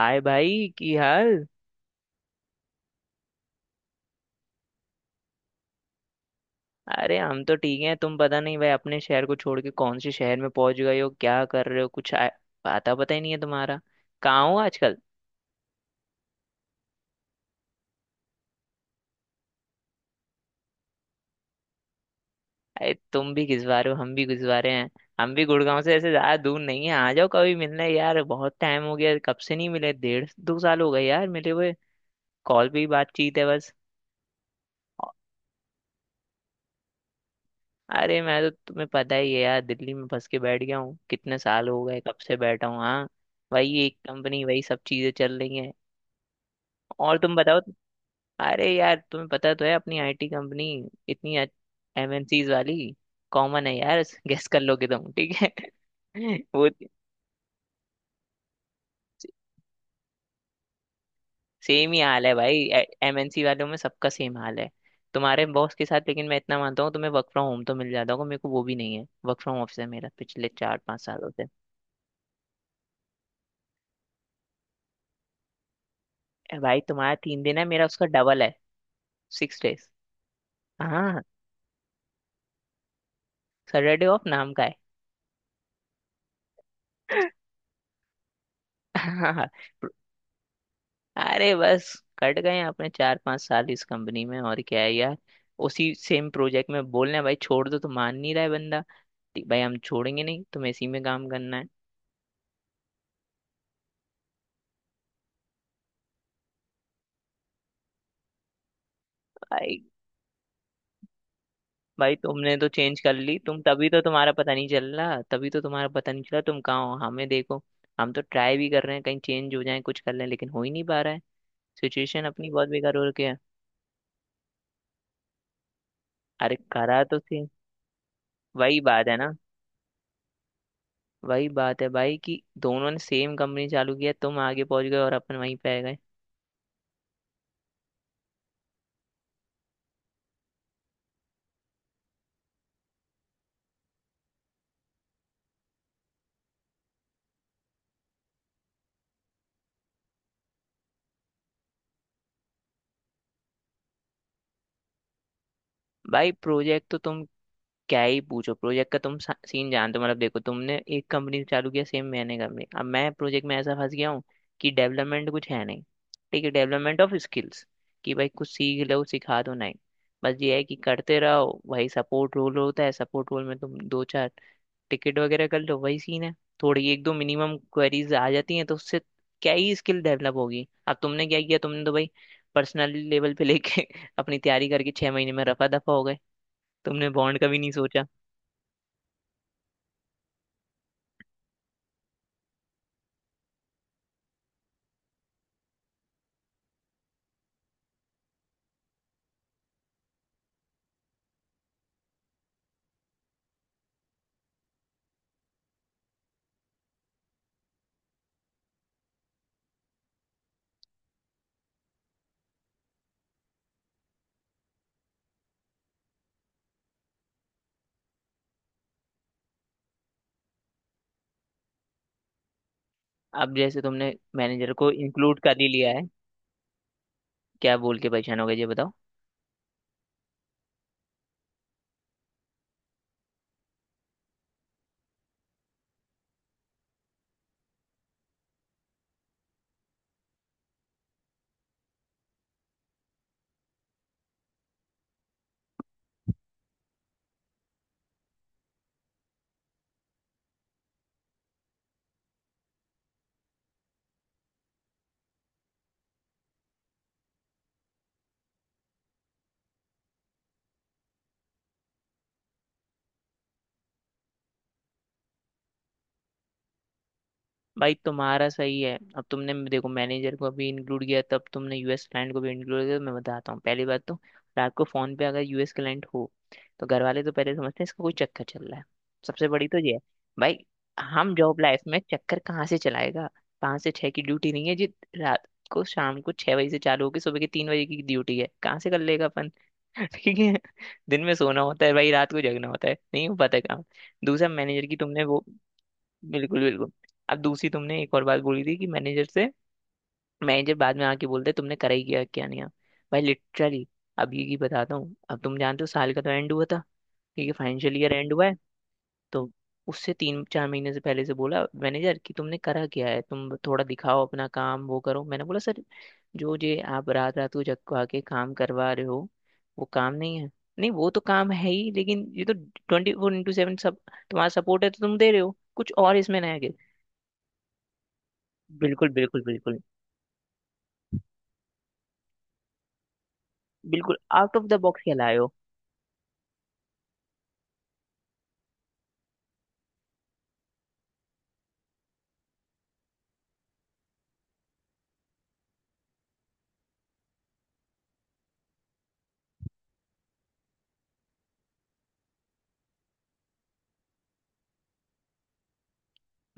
हाय भाई की हाल। अरे हम तो ठीक हैं। तुम पता नहीं भाई अपने शहर को छोड़ के कौन से शहर में पहुंच गए हो, क्या कर रहे हो, कुछ आता पता ही नहीं है तुम्हारा। कहाँ हो आजकल? अरे तुम भी घिसवारे हो, हम भी घिसवारे हैं। हम भी गुड़गांव से ऐसे ज्यादा दूर नहीं है, आ जाओ कभी मिलने यार। बहुत टाइम हो गया, कब से नहीं मिले, 1.5-2 साल हो गए यार मिले हुए। कॉल पे ही बातचीत है बस। अरे मैं तो, तुम्हें पता ही है यार, दिल्ली में फंस के बैठ गया हूँ, कितने साल हो गए, कब से बैठा हूँ। हाँ, वही एक कंपनी, वही सब चीजें चल रही हैं। और तुम बताओ? अरे यार तुम्हें पता तो है अपनी आईटी कंपनी, इतनी एमएनसीज वाली, कॉमन है यार। गेस कर लोगे तुम, ठीक है। वो सेम ही हाल है भाई। एमएनसी वालों में सबका सेम हाल है तुम्हारे बॉस के साथ, लेकिन मैं इतना मानता हूँ तुम्हें वर्क फ्रॉम होम तो मिल जाता होगा। मेरे को वो भी नहीं है, वर्क फ्रॉम ऑफिस है मेरा पिछले 4-5 सालों से। ए भाई, तुम्हारा तीन दिन है, मेरा उसका डबल है। Six days. हाँ, सैटरडे ऑफ नाम का है। हाँ हाँ। अरे बस, कट गए हैं अपने 4-5 साल इस कंपनी में, और क्या है यार। उसी सेम प्रोजेक्ट में बोल रहे हैं, भाई छोड़ दो तो मान नहीं रहा है बंदा, ठीक भाई हम छोड़ेंगे नहीं, तुम्हें इसी में काम करना है। भाई, भाई तुमने तो चेंज कर ली, तुम तभी तो तुम्हारा पता नहीं चल रहा, तभी तो तुम्हारा पता नहीं चला तुम कहाँ हो। हमें देखो, हम तो ट्राई भी कर रहे हैं कहीं चेंज हो जाए कुछ कर लें, लेकिन हो ही नहीं पा रहा है। सिचुएशन अपनी बहुत बेकार हो रखी है। अरे करा तो सेम। वही बात है ना, वही बात है भाई कि दोनों ने सेम कंपनी चालू किया, तुम आगे पहुंच गए और अपन वहीं पे आ गए। भाई प्रोजेक्ट तो तुम क्या ही पूछो, प्रोजेक्ट का तुम सीन जानते हो। मतलब देखो तुमने एक कंपनी चालू किया सेम, मैंने कंपनी, अब मैं प्रोजेक्ट में ऐसा फंस गया हूँ कि डेवलपमेंट कुछ है नहीं। ठीक है, डेवलपमेंट ऑफ स्किल्स कि भाई कुछ सीख लो सिखा दो, नहीं। बस ये है कि करते रहो, वही सपोर्ट रोल होता है, सपोर्ट रोल में तुम दो चार टिकट वगैरह कर लो, वही सीन है। थोड़ी एक दो मिनिमम क्वेरीज आ जाती हैं तो उससे क्या ही स्किल डेवलप होगी। अब तुमने क्या किया, तुमने तो भाई पर्सनल लेवल पे लेके अपनी तैयारी करके 6 महीने में रफा दफा हो गए, तुमने बॉन्ड का भी नहीं सोचा। अब जैसे तुमने मैनेजर को इंक्लूड कर ही लिया है, क्या बोल के परेशान हो गए ये बताओ? भाई तुम्हारा सही है, अब तुमने देखो मैनेजर को भी इंक्लूड किया, तब तुमने यूएस क्लाइंट को भी इंक्लूड किया, तो मैं बताता हूँ पहली बात तो रात को फोन पे अगर यूएस क्लाइंट हो, तो घर वाले तो पहले समझते हैं इसका कोई चक्कर चल रहा है। सबसे बड़ी तो ये है भाई, हम जॉब लाइफ में चक्कर कहाँ से चलाएगा। 5 से 6 की ड्यूटी नहीं है जी, रात को, शाम को 6 बजे से चालू होगी, सुबह के 3 बजे की ड्यूटी है, कहाँ से कर लेगा अपन। ठीक है। दिन में सोना होता है भाई, रात को जगना होता है, नहीं हो पाता काम। दूसरा मैनेजर की तुमने वो, बिल्कुल बिल्कुल। अब दूसरी तुमने एक और बात बोली थी कि मैनेजर से, मैनेजर बाद में आके बोलते तुमने करा ही क्या, क्या नहीं है भाई, लिटरली। अभी की बताता हूँ, अब तुम जानते हो साल का तो एंड हुआ था, ठीक है, फाइनेंशियल ईयर एंड हुआ है। तो उससे 3-4 महीने से पहले से बोला मैनेजर कि तुमने करा क्या है, तुम थोड़ा दिखाओ अपना काम वो करो। मैंने बोला सर, जो जे आप रात रात को जग को आके काम करवा रहे हो वो काम नहीं है? नहीं, वो तो काम है ही, लेकिन ये तो 24x7 सब तुम्हारा सपोर्ट है, तो तुम दे रहे हो, कुछ और इसमें नया? बिल्कुल बिल्कुल बिल्कुल। बिल्कुल आउट ऑफ द बॉक्स लाए हो।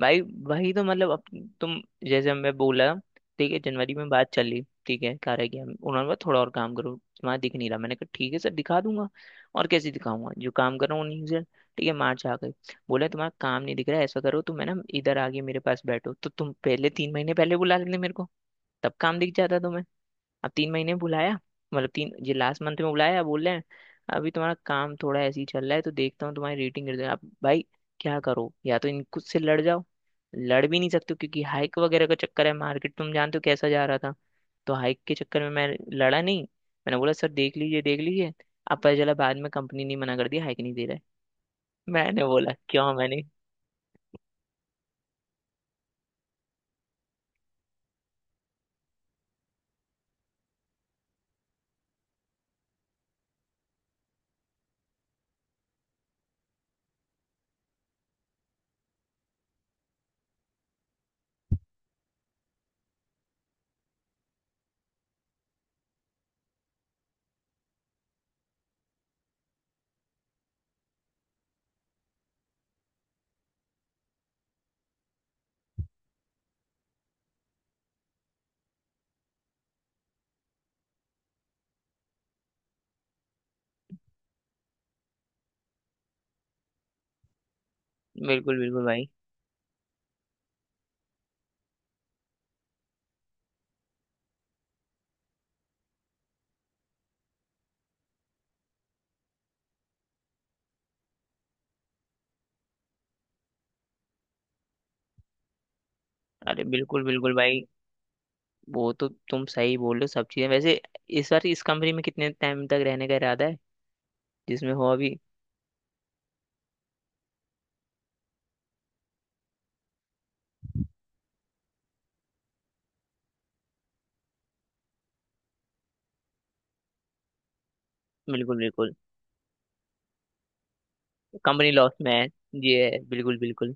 भाई वही तो मतलब तुम जैसे मैं बोला, ठीक है जनवरी में बात चली, ठीक है, कह रहा कि हम, उन्होंने बोला थोड़ा और काम करो तुम्हारा दिख नहीं रहा, मैंने कहा ठीक है सर दिखा दूंगा, और कैसे दिखाऊंगा जो काम कर रहा हूँ उन्हीं से, ठीक है। मार्च आ गए, बोला तुम्हारा काम नहीं दिख रहा है, ऐसा करो तो मैं ना इधर आगे मेरे पास बैठो तो, तुम पहले 3 महीने पहले बुला लेते मेरे को तब काम दिख जाता तुम्हें। अब 3 महीने में बुलाया, मतलब तीन, ये लास्ट मंथ में बुलाया, बोल रहे हैं अभी तुम्हारा काम थोड़ा ऐसे ही चल रहा है तो देखता हूँ तुम्हारी रेटिंग गिर जाए। अब भाई क्या करो, या तो इनको से लड़ जाओ, लड़ भी नहीं सकते हो, क्योंकि हाइक वगैरह का चक्कर है, मार्केट तुम जानते हो कैसा जा रहा था। तो हाइक के चक्कर में मैं लड़ा नहीं, मैंने बोला सर देख लीजिए देख लीजिए। अब पता चला बाद में कंपनी ने मना कर दिया, हाइक नहीं दे रहा है। मैंने बोला क्यों, मैंने बिल्कुल बिल्कुल भाई। अरे बिल्कुल बिल्कुल भाई, वो तो तुम सही बोल रहे हो सब चीजें वैसे। इस बार इस कंपनी में कितने टाइम तक रहने का इरादा है, जिसमें हो अभी? बिल्कुल बिल्कुल। कंपनी लॉस में है। ये है, बिल्कुल बिल्कुल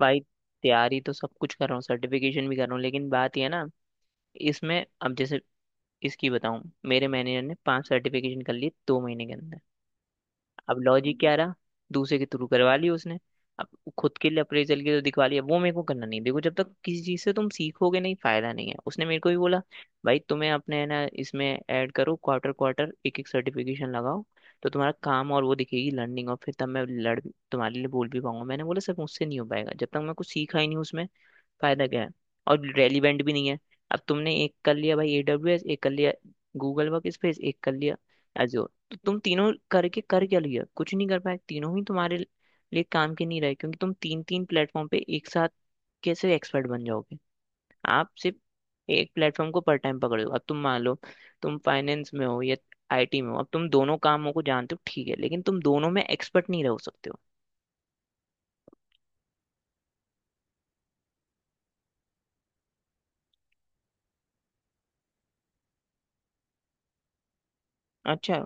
भाई। तैयारी तो सब कुछ कर रहा हूँ, सर्टिफिकेशन भी कर रहा हूँ, लेकिन बात ये है ना, इसमें अब जैसे इसकी बताऊं, मेरे मैनेजर ने 5 सर्टिफिकेशन कर ली 2 महीने के अंदर। अब लॉजिक क्या रहा, दूसरे के थ्रू करवा ली उसने। अब खुद के लिए अप्रेजल के तो दिखवा लिया, वो मेरे को करना नहीं। देखो, जब तक किसी चीज से तुम सीखोगे नहीं फायदा नहीं है। उसने मेरे को भी बोला भाई तुम्हें अपने है ना इसमें ऐड करो, क्वार्टर क्वार्टर एक एक सर्टिफिकेशन लगाओ, तो तुम्हारा काम, और वो दिखेगी लर्निंग, और फिर तब मैं लड़ तुम्हारे लिए बोल भी पाऊंगा। मैंने बोला सर मुझसे नहीं हो पाएगा, जब तक मैं कुछ सीखा ही नहीं उसमें फायदा क्या है, और रेलिवेंट भी नहीं है। अब तुमने एक कर लिया भाई एडब्ल्यूएस, एक कर लिया गूगल वर्क स्पेस, एक कर लिया एजोर, तो तुम तीनों करके कर क्या लिया? कुछ नहीं कर पाए, तीनों ही तुम्हारे लिए काम के नहीं रहे, क्योंकि तुम तीन तीन प्लेटफॉर्म पे एक साथ कैसे एक्सपर्ट बन जाओगे। आप सिर्फ एक प्लेटफॉर्म को पर टाइम पकड़े हो। अब तुम मान लो तुम फाइनेंस में हो या आईटी में हो, अब तुम दोनों कामों को जानते हो, ठीक है, लेकिन तुम दोनों में एक्सपर्ट नहीं रह सकते हो। अच्छा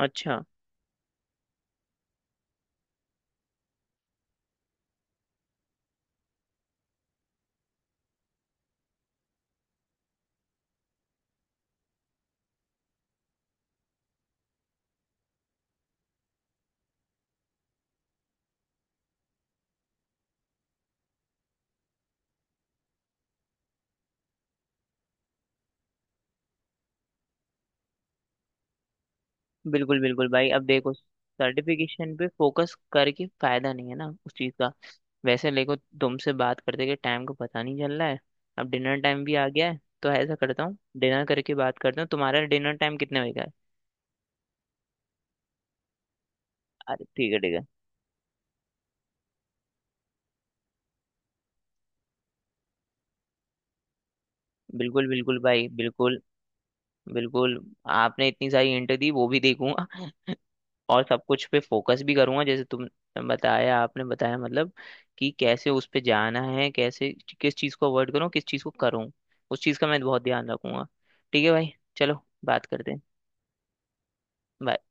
अच्छा। बिल्कुल बिल्कुल भाई, अब देखो सर्टिफिकेशन पे फोकस करके फायदा नहीं है ना उस चीज का। वैसे देखो, तुमसे बात करते के टाइम को पता नहीं चल रहा है। अब डिनर टाइम भी आ गया है, तो ऐसा करता हूँ डिनर करके बात करता हूँ। तुम्हारा डिनर टाइम कितने बजे का है? अरे ठीक है ठीक है, बिल्कुल बिल्कुल भाई, बिल्कुल। बिल्कुल। आपने इतनी सारी इंटर दी वो भी देखूंगा, और सब कुछ पे फोकस भी करूंगा जैसे तुम बताया, आपने बताया मतलब कि कैसे उस पे जाना है, कैसे किस चीज़ को अवॉइड करूँ, किस चीज़ को करूँ, उस चीज़ का मैं बहुत ध्यान रखूंगा। ठीक है भाई चलो बात करते हैं। Bye.